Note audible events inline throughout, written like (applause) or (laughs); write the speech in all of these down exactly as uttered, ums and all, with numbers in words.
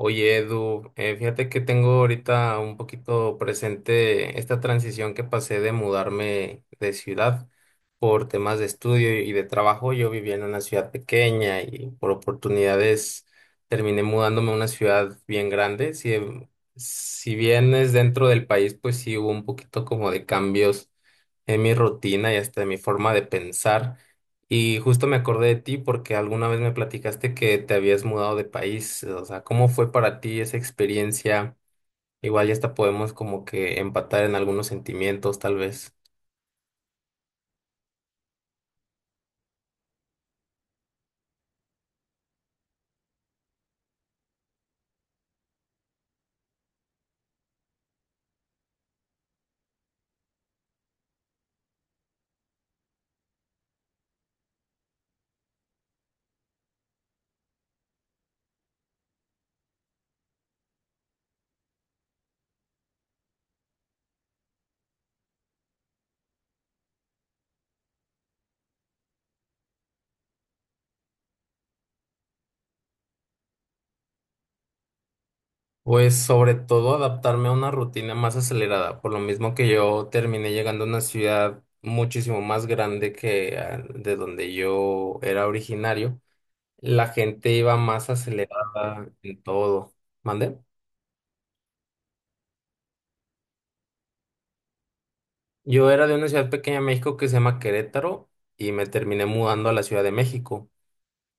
Oye, Edu, eh, fíjate que tengo ahorita un poquito presente esta transición que pasé de mudarme de ciudad por temas de estudio y de trabajo. Yo vivía en una ciudad pequeña y por oportunidades terminé mudándome a una ciudad bien grande. Si, si bien es dentro del país, pues sí hubo un poquito como de cambios en mi rutina y hasta en mi forma de pensar. Y justo me acordé de ti porque alguna vez me platicaste que te habías mudado de país. O sea, ¿cómo fue para ti esa experiencia? Igual ya hasta podemos como que empatar en algunos sentimientos, tal vez. Pues sobre todo adaptarme a una rutina más acelerada, por lo mismo que yo terminé llegando a una ciudad muchísimo más grande que ah, de donde yo era originario. La gente iba más acelerada en todo. ¿Mande? Yo era de una ciudad pequeña en México que se llama Querétaro y me terminé mudando a la Ciudad de México.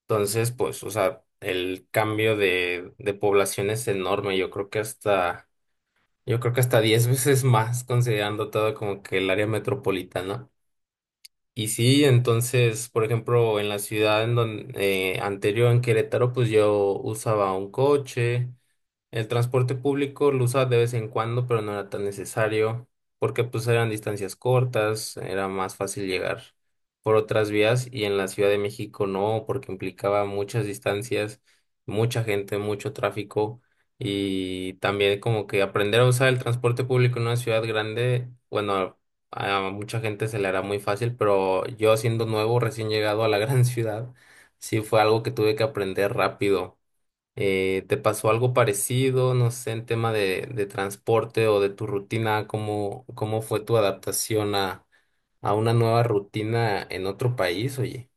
Entonces, pues, o sea, el cambio de, de población es enorme. Yo creo que hasta, yo creo que hasta diez (laughs) veces más considerando todo como que el área metropolitana. Y sí, entonces, por ejemplo, en la ciudad en donde, eh, anterior en Querétaro, pues yo usaba un coche. El transporte público lo usaba de vez en cuando, pero no era tan necesario, porque pues eran distancias cortas, era más fácil llegar por otras vías y en la Ciudad de México no, porque implicaba muchas distancias, mucha gente, mucho tráfico y también como que aprender a usar el transporte público en una ciudad grande, bueno, a a mucha gente se le hará muy fácil, pero yo siendo nuevo, recién llegado a la (laughs) gran ciudad, sí fue algo que tuve que aprender rápido eh, ¿te pasó algo parecido, no sé, en tema de, de transporte o de tu rutina? ¿Cómo, cómo fue tu adaptación a, a una nueva rutina en otro país, oye?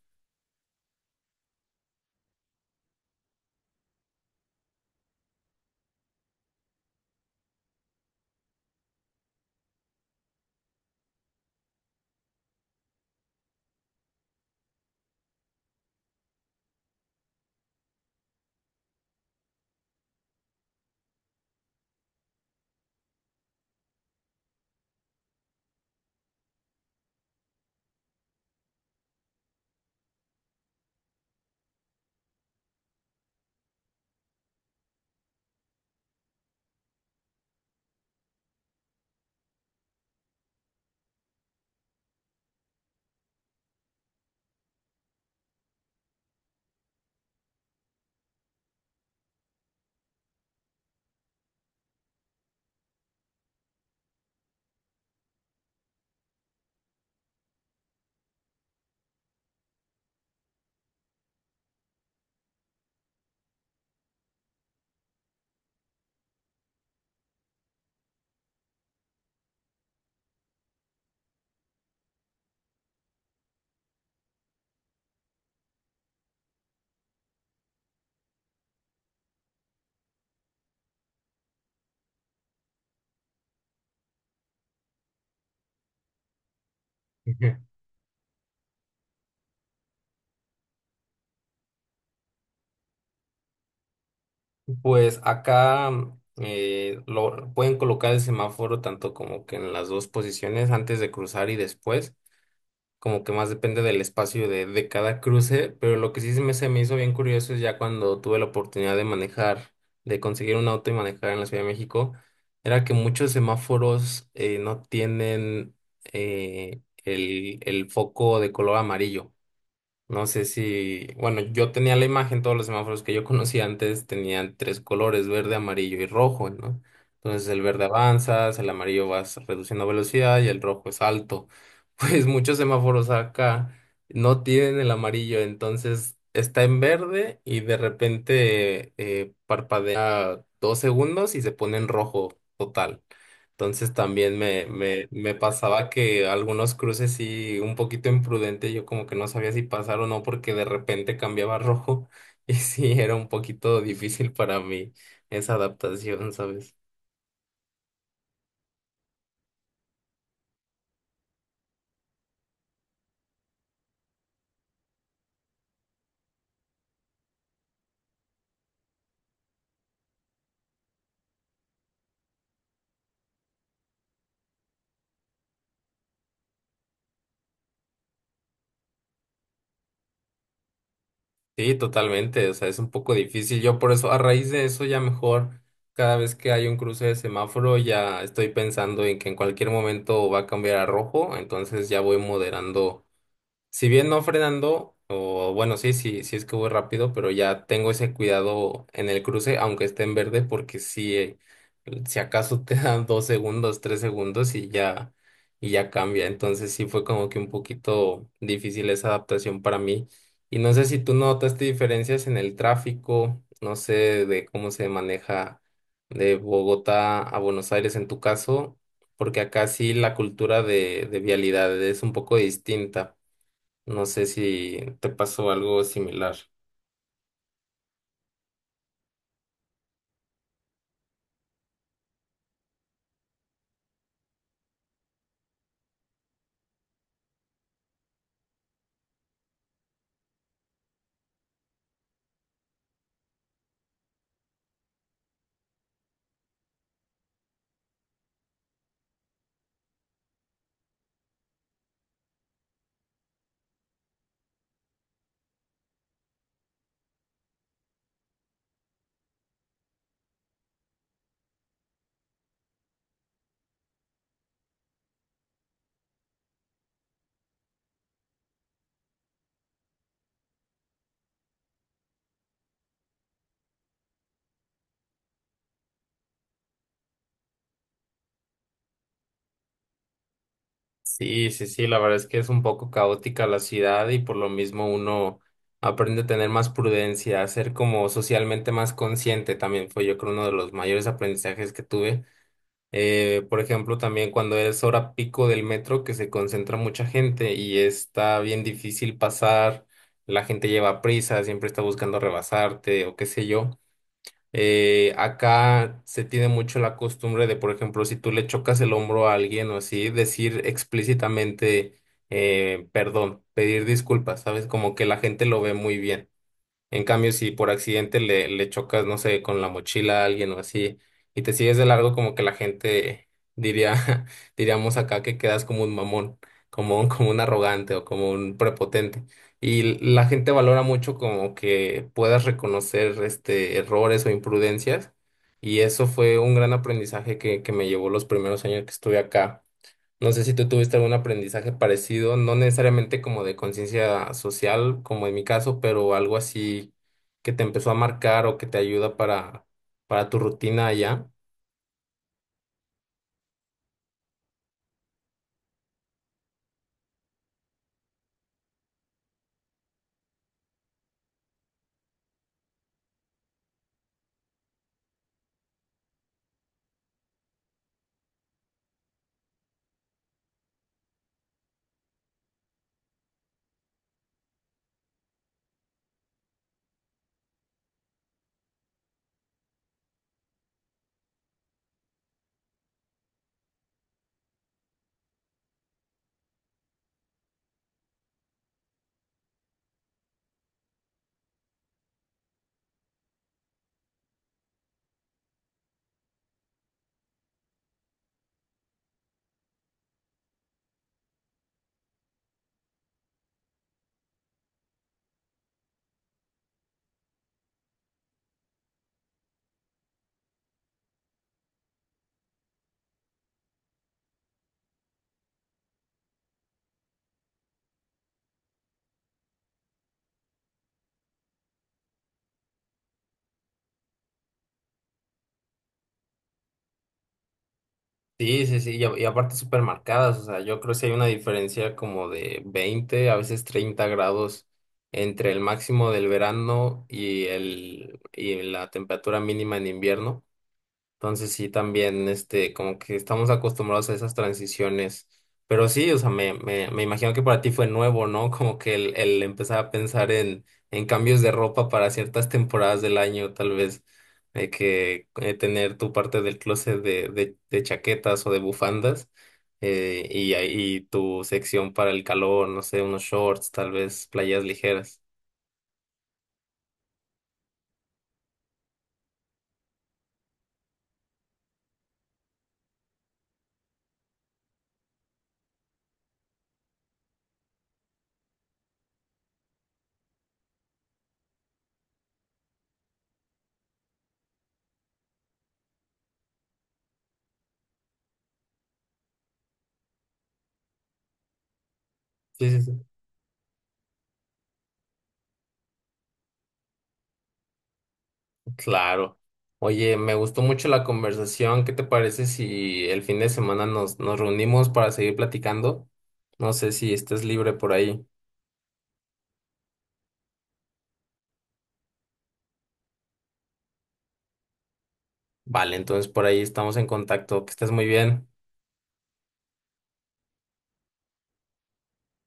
(laughs) Ujú. Pues acá mm, eh, lo, pueden colocar el semáforo tanto como que en las dos posiciones, antes de cruzar y después, como que más depende del espacio de, de cada cruce, pero lo que sí se me, se me hizo bien curioso es ya cuando tuve la oportunidad de manejar, de conseguir un auto y manejar en la Ciudad de México, era que muchos semáforos eh, no tienen eh, el, el foco de color amarillo. No sé si, bueno, yo tenía la imagen, todos los semáforos que yo (laughs) conocía antes tenían tres colores, verde, amarillo y rojo, ¿no? Entonces el verde avanzas, el amarillo vas reduciendo velocidad y el rojo es alto. (laughs) Pues muchos semáforos acá no tienen el amarillo, entonces está en verde y de repente eh, parpadea dos segundos y se pone en rojo total. Entonces también me, me, me pasaba que algunos cruces sí, un poquito imprudente, yo como que no sabía si pasar o no porque de repente cambiaba a rojo (laughs) y sí, era un poquito difícil para mí esa adaptación, ¿sabes? Sí, totalmente, o sea, es un poco difícil. Yo por eso, a raíz de eso ya mejor, cada vez que hay un cruce de semáforo ya estoy pensando en que en cualquier momento va a cambiar a rojo, entonces ya voy moderando. Si bien no frenando, o bueno, sí, sí, sí es que voy rápido, pero ya tengo ese cuidado en el cruce, aunque esté en verde, porque si, eh, si acaso (laughs) te dan dos segundos, tres segundos y ya, y ya cambia. Entonces sí fue como que un poquito difícil esa adaptación para mí. Y no sé si tú notaste diferencias en el tráfico, no sé de cómo se maneja de Bogotá a Buenos Aires en tu caso, porque acá sí la cultura de, de vialidad es un poco distinta. No sé si te pasó algo similar. Sí, sí, sí, la verdad es que es un poco caótica la ciudad y por lo mismo uno aprende a tener más prudencia, a ser como socialmente más consciente también fue yo creo uno de los mayores aprendizajes que tuve. Eh, por ejemplo, también cuando es hora pico del metro que se concentra mucha gente y está bien difícil pasar, la gente lleva prisa, siempre está buscando rebasarte o qué sé yo. Eh, acá se tiene mucho la costumbre de, por ejemplo, si tú le chocas el hombro a alguien o así, decir explícitamente eh, perdón, pedir disculpas, ¿sabes? Como que la gente lo ve muy bien. En cambio, si por accidente le, le chocas, no sé, con la mochila a alguien o así, y te sigues de largo, como que la gente diría, (laughs) diríamos acá que quedas como un mamón, como (laughs) un, como un arrogante o como un prepotente. Y la gente valora mucho como que puedas reconocer este errores o imprudencias. Y eso fue un gran aprendizaje que, que me llevó los primeros años que estuve acá. No sé si tú tuviste algún aprendizaje parecido, no necesariamente como de conciencia social, como en mi caso, pero algo así que te empezó a marcar o que te ayuda para, para tu rutina allá. Sí, sí, sí, y, a- y aparte súper marcadas, o sea, yo creo que sí hay una diferencia como de veinte a veces treinta grados entre el máximo del verano y, el, y la temperatura mínima en invierno. Entonces sí, también, este, como que estamos acostumbrados a esas transiciones. Pero sí, o sea, me, me, me imagino que para ti fue nuevo, ¿no? Como que el, el empezar a pensar en, en, cambios de ropa para ciertas temporadas del año, tal vez, de que eh, tener tu parte del closet de, de, de chaquetas o de bufandas, eh, y, ahí- y tu sección para el calor, no sé, unos shorts, tal vez, playas ligeras. Sí, sí, sí. Claro. Oye, me gustó mucho la conversación. ¿Qué te parece si el fin de semana nos, nos reunimos para seguir platicando? No sé si estés libre por ahí. Vale, entonces por ahí estamos en contacto. Que estés muy bien.